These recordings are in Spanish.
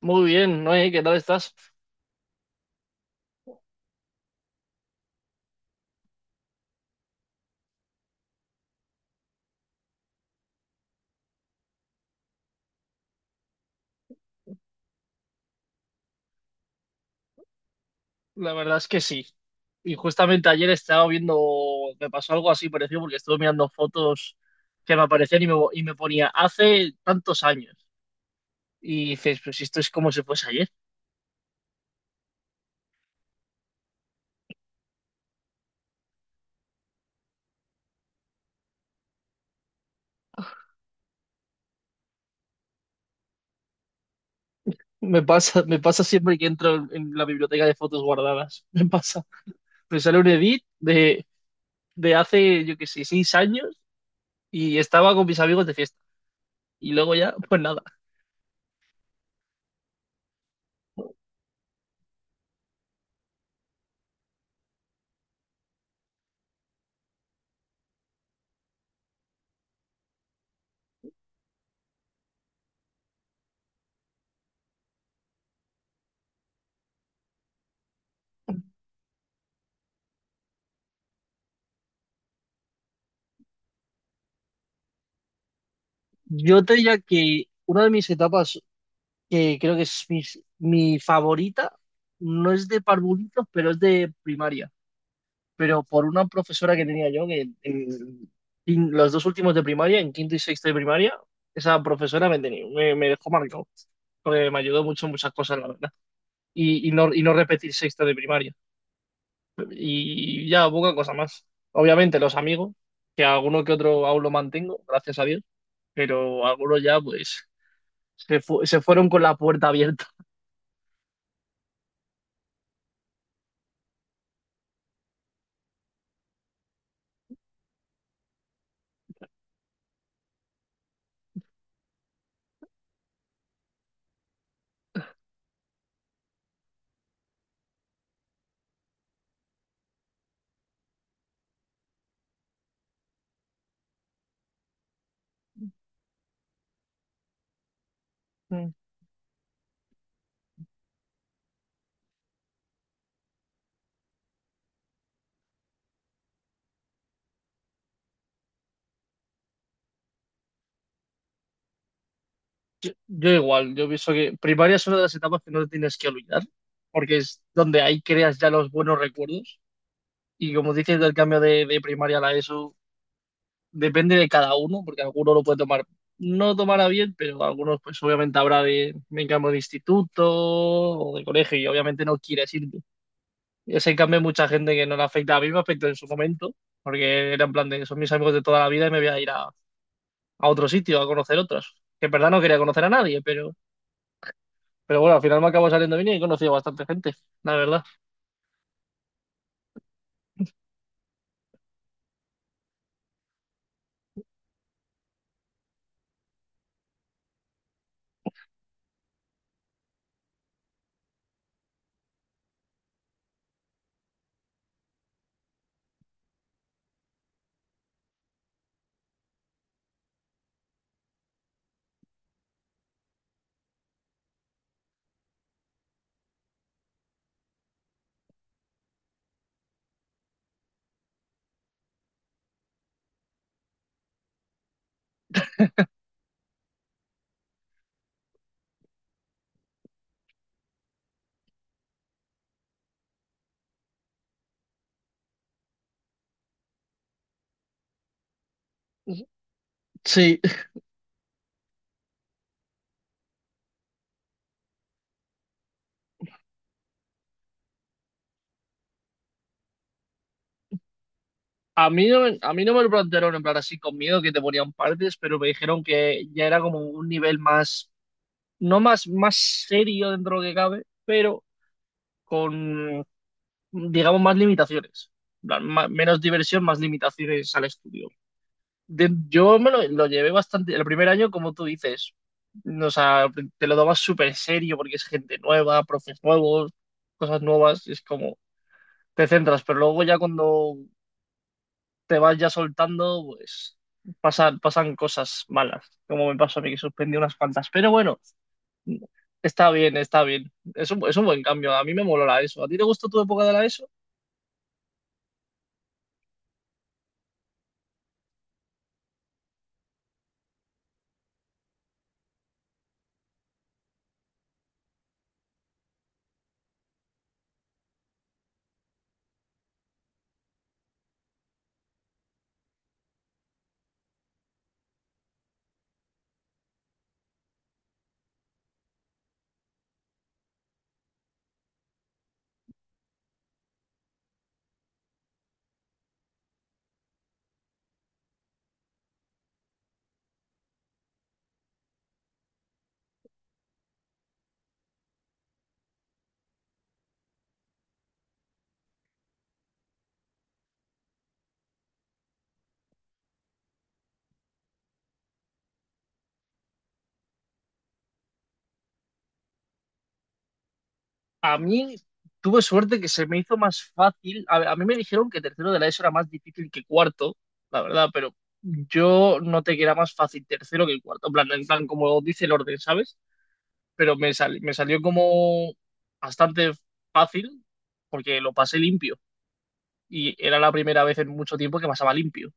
Muy bien, Noé, ¿qué tal estás? La verdad es que sí. Y justamente ayer estaba viendo, me pasó algo así parecido porque estuve mirando fotos que me aparecían y y me ponía hace tantos años. Y dices, pues esto es como si fuese ayer. Me pasa siempre que entro en la biblioteca de fotos guardadas. Me pasa. Me sale un edit de hace, yo qué sé, 6 años y estaba con mis amigos de fiesta. Y luego ya, pues nada. Yo te diría que una de mis etapas que creo que es mi favorita, no es de parvulitos, pero es de primaria, pero por una profesora que tenía yo, que en los dos últimos de primaria, en quinto y sexto de primaria, esa profesora me dejó marcado, porque me ayudó mucho en muchas cosas, la verdad, y no repetir sexto de primaria, y ya poca cosa más. Obviamente los amigos, que alguno que otro aún lo mantengo, gracias a Dios, pero algunos ya pues se fueron con la puerta abierta. Yo igual, yo pienso que primaria es una de las etapas que no te tienes que olvidar, porque es donde ahí creas ya los buenos recuerdos. Y como dices, del cambio de primaria a la ESO depende de cada uno, porque alguno lo puede tomar, no tomará bien, pero algunos pues obviamente habrá me cambio de instituto o de colegio y obviamente no quieres irte. Ese en cambio hay mucha gente que no le afecta, a mí me afectó en su momento, porque era en plan de, son mis amigos de toda la vida y me voy a ir a otro sitio, a conocer otros. Que en verdad no quería conocer a nadie, pero bueno, al final me acabo saliendo bien y he conocido bastante gente, la verdad. Sí. A mí no me lo plantearon en plan así con miedo que te ponían partes, pero me dijeron que ya era como un nivel más, no más, más serio dentro de lo que cabe, pero con, digamos, más limitaciones. En plan, menos diversión, más limitaciones al estudio. Yo me lo llevé bastante, el primer año, como tú dices, o sea, te lo dabas súper serio porque es gente nueva, profes nuevos, cosas nuevas, y es como... te centras, pero luego ya cuando te vas ya soltando, pues pasan cosas malas, como me pasó a mí que suspendí unas cuantas. Pero bueno, está bien, está bien. Es un buen cambio. A mí me moló la ESO. ¿A ti te gustó tu época de la ESO? A mí Tuve suerte que se me hizo más fácil. A mí me dijeron que tercero de la ESO era más difícil que cuarto, la verdad, pero yo noté que era más fácil tercero que cuarto. En plan, como dice el orden, ¿sabes? Pero me salió como bastante fácil porque lo pasé limpio y era la primera vez en mucho tiempo que pasaba limpio.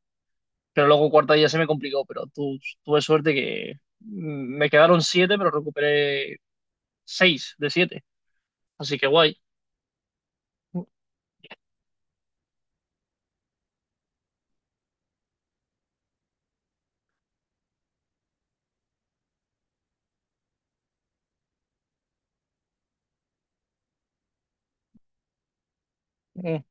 Pero luego cuarta ya se me complicó, pero tuve suerte que me quedaron siete, pero recuperé seis de siete, así que guay. Mm.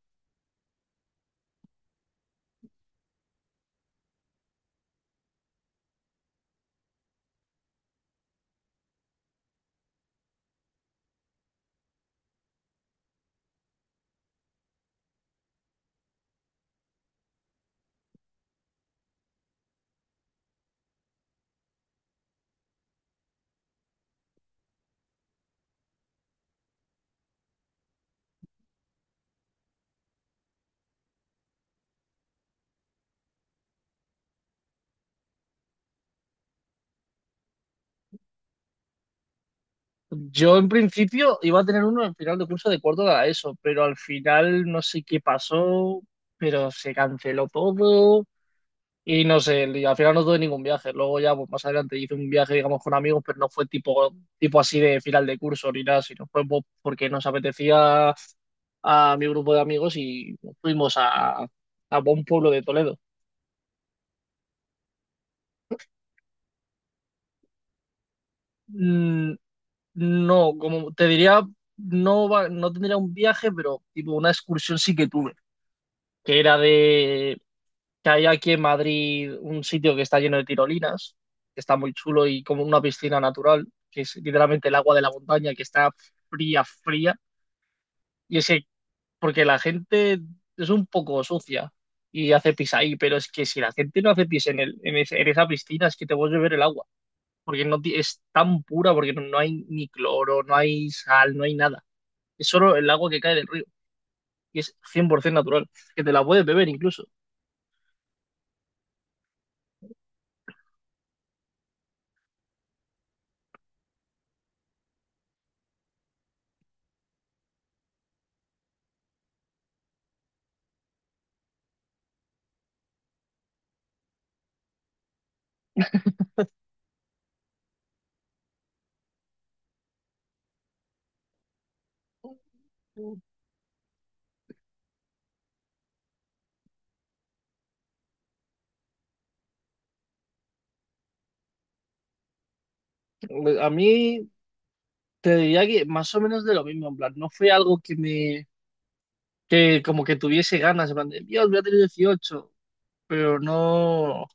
Yo en principio iba a tener uno al final de curso de cuarto de la ESO, pero al final no sé qué pasó, pero se canceló todo. Y no sé, y al final no tuve ningún viaje. Luego ya pues, más adelante hice un viaje, digamos, con amigos, pero no fue tipo, así de final de curso ni nada, sino fue porque nos apetecía a mi grupo de amigos y fuimos a un pueblo de Toledo. Mm, no, como te diría, no, no tendría un viaje, pero tipo una excursión sí que tuve, que era de que hay aquí en Madrid un sitio que está lleno de tirolinas, que está muy chulo y como una piscina natural, que es literalmente el agua de la montaña, que está fría, fría. Y es que, porque la gente es un poco sucia y hace pis ahí, pero es que si la gente no hace pis en, el, en, ese- en esa piscina, es que te puedes beber el agua, porque no ti- es tan pura, porque no hay ni cloro, no hay sal, no hay nada. Es solo el agua que cae del río y es 100% natural, que te la puedes beber incluso. A mí Te diría que más o menos de lo mismo, en plan, no fue algo que como que tuviese ganas, en plan, de, Dios, voy a tener 18, pero no,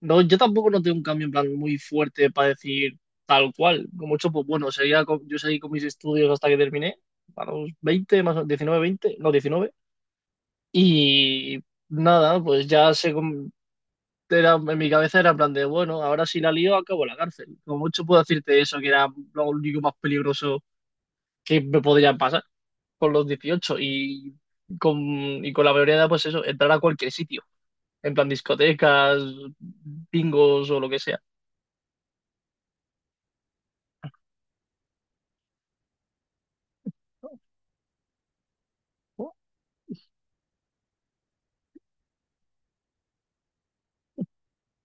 no, yo tampoco noté un cambio en plan muy fuerte para decir tal cual, como mucho, pues bueno, sería, yo seguí con mis estudios hasta que terminé, a los 20 más o 19, 20, no, 19 y nada, pues ya era, en mi cabeza era en plan de, bueno, ahora si la lío, acabo en la cárcel, como mucho puedo decirte eso, que era lo único más peligroso que me podría pasar. Con los 18 y y con la mayoría de edad, pues eso, entrar a cualquier sitio, en plan discotecas, bingos o lo que sea.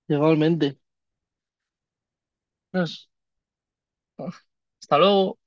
Igualmente. Pues, hasta luego.